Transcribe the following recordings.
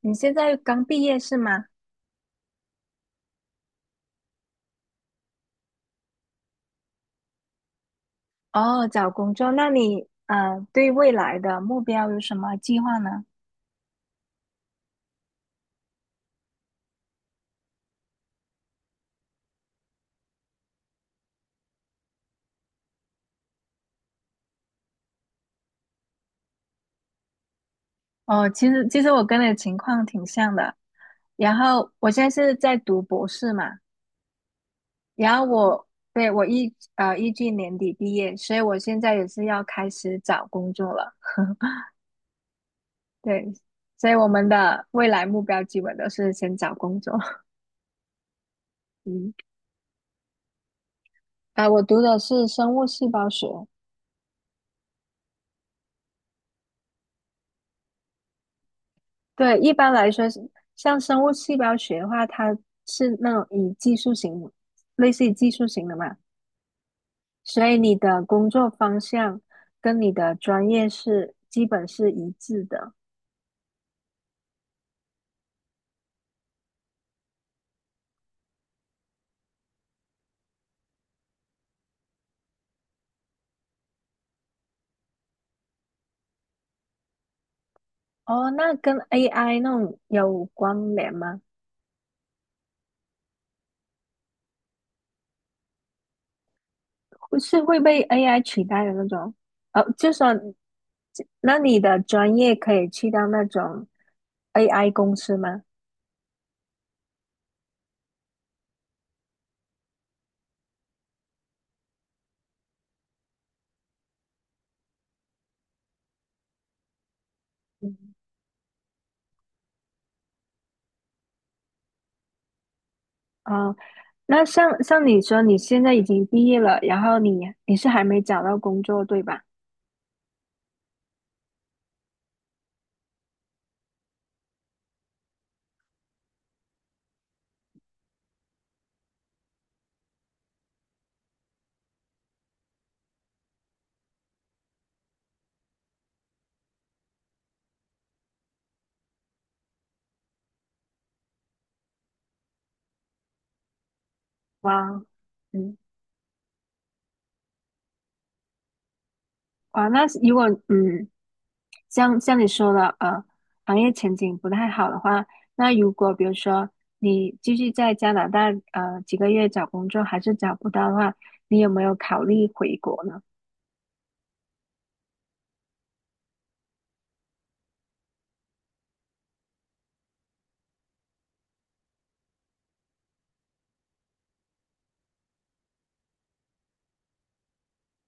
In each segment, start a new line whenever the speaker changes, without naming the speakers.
你现在刚毕业是吗？哦，找工作，那你对未来的目标有什么计划呢？哦，其实我跟你的情况挺像的，然后我现在是在读博士嘛，然后我对，我预计年底毕业，所以我现在也是要开始找工作了。对，所以我们的未来目标基本都是先找工作。嗯，啊、我读的是生物细胞学。对，一般来说是像生物细胞学的话，它是那种以技术型，类似于技术型的嘛，所以你的工作方向跟你的专业基本是一致的。哦，那跟 AI 那种有关联吗？会被 AI 取代的那种？就说，就那你的专业可以去到那种 AI 公司吗？嗯，哦，那像你说，你现在已经毕业了，然后你是还没找到工作，对吧？哇，嗯，哇，那如果像你说的，行业前景不太好的话，那如果比如说你继续在加拿大几个月找工作还是找不到的话，你有没有考虑回国呢？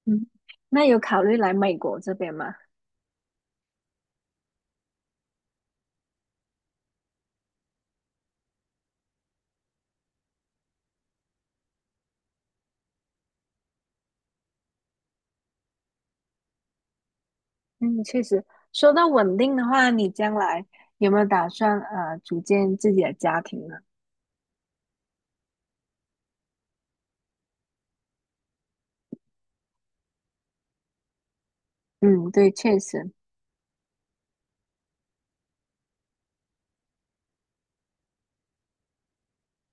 嗯，那有考虑来美国这边吗？嗯，确实，说到稳定的话，你将来有没有打算组建自己的家庭呢？嗯，对，确实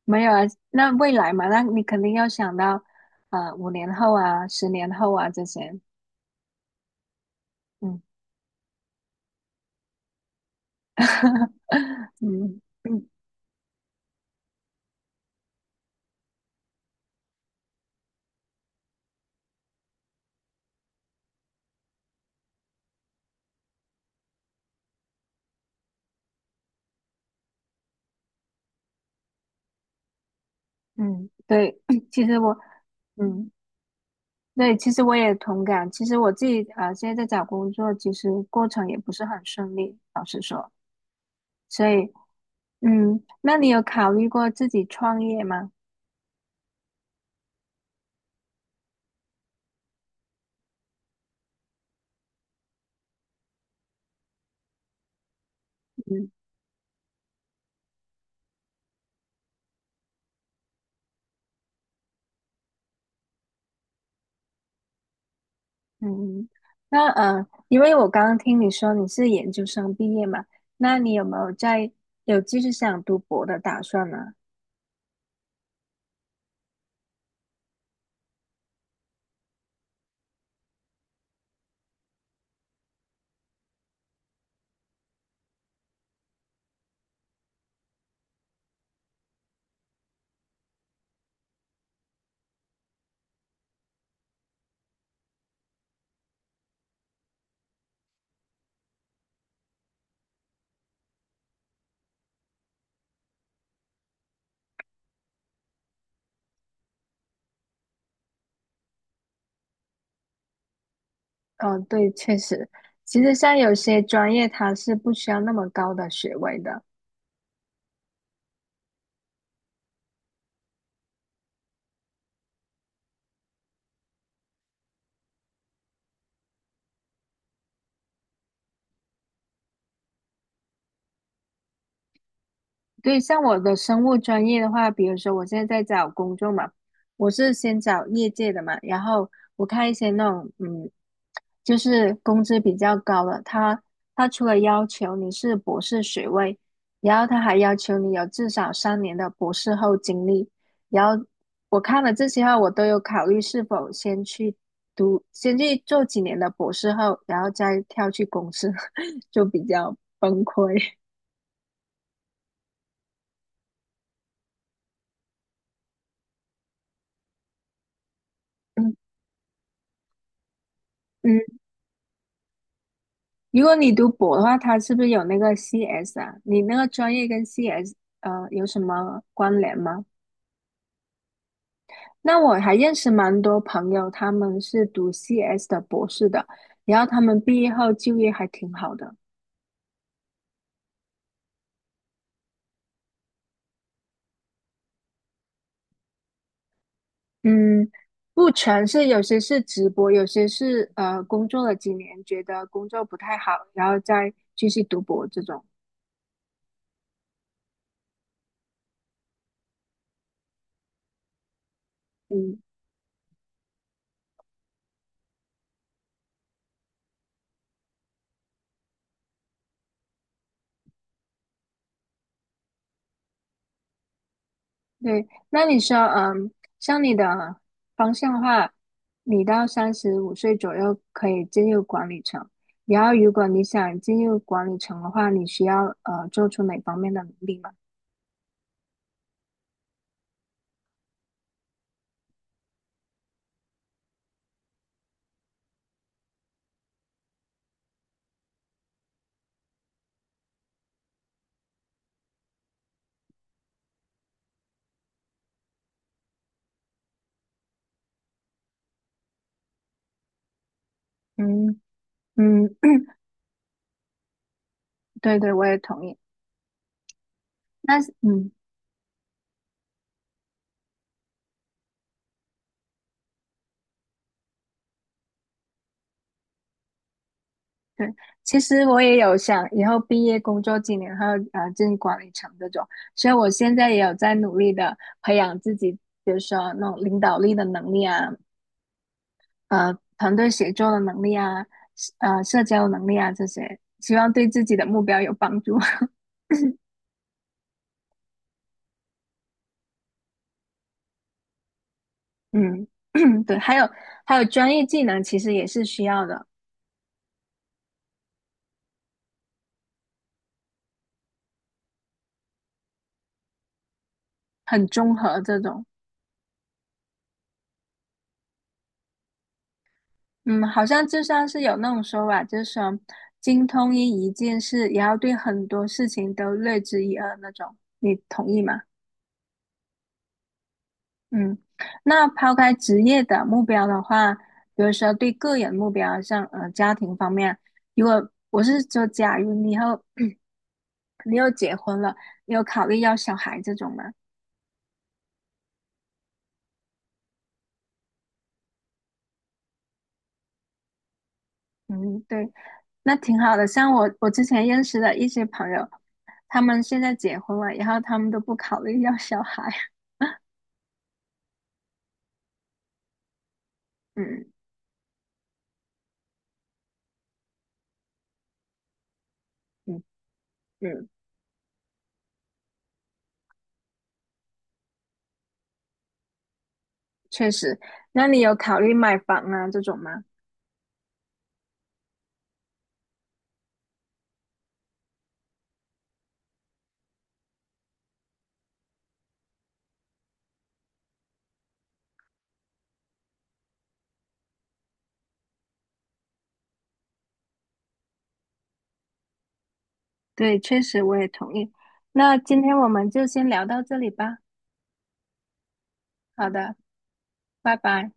没有啊。那未来嘛，那你肯定要想到，5年后啊，10年后啊这些。嗯，嗯嗯嗯，对，其实我，嗯，对，其实我也同感。其实我自己啊，现在在找工作，其实过程也不是很顺利，老实说。所以，嗯，那你有考虑过自己创业吗？嗯。嗯，那因为我刚刚听你说你是研究生毕业嘛，那你有没有在有继续想读博的打算呢？哦，对，确实，其实像有些专业它是不需要那么高的学位的，对，像我的生物专业的话，比如说我现在在找工作嘛，我是先找业界的嘛，然后我看一些那种就是工资比较高的，他除了要求你是博士学位，然后他还要求你有至少3年的博士后经历，然后我看了这些话，我都有考虑是否先去做几年的博士后，然后再跳去公司，就比较崩溃。嗯，如果你读博的话，它是不是有那个 CS 啊？你那个专业跟 CS 有什么关联吗？那我还认识蛮多朋友，他们是读 CS 的博士的，然后他们毕业后就业还挺好的。嗯，不全是，有些是直播，有些是工作了几年，觉得工作不太好，然后再继续读博这种。嗯。对，那你说，像你的方向的话，你到35岁左右可以进入管理层。然后，如果你想进入管理层的话，你需要做出哪方面的努力吗？嗯嗯，对对，我也同意。那对，其实我也有想以后毕业工作几年后，进管理层这种，所以我现在也有在努力的培养自己，比如说那种领导力的能力啊，团队协作的能力啊，社交能力啊这些，希望对自己的目标有帮助。嗯，对，还有专业技能其实也是需要的，很综合这种。嗯，好像就像是有那种说法，就是说精通一件事，也要对很多事情都略知一二那种。你同意吗？嗯，那抛开职业的目标的话，比如说对个人目标，像家庭方面，如果我是说，假如你以后 你又结婚了，你有考虑要小孩这种吗？嗯，对，那挺好的。像我之前认识的一些朋友，他们现在结婚了，然后他们都不考虑要小孩。嗯嗯嗯，确实。那你有考虑买房啊这种吗？对，确实我也同意。那今天我们就先聊到这里吧。好的，拜拜。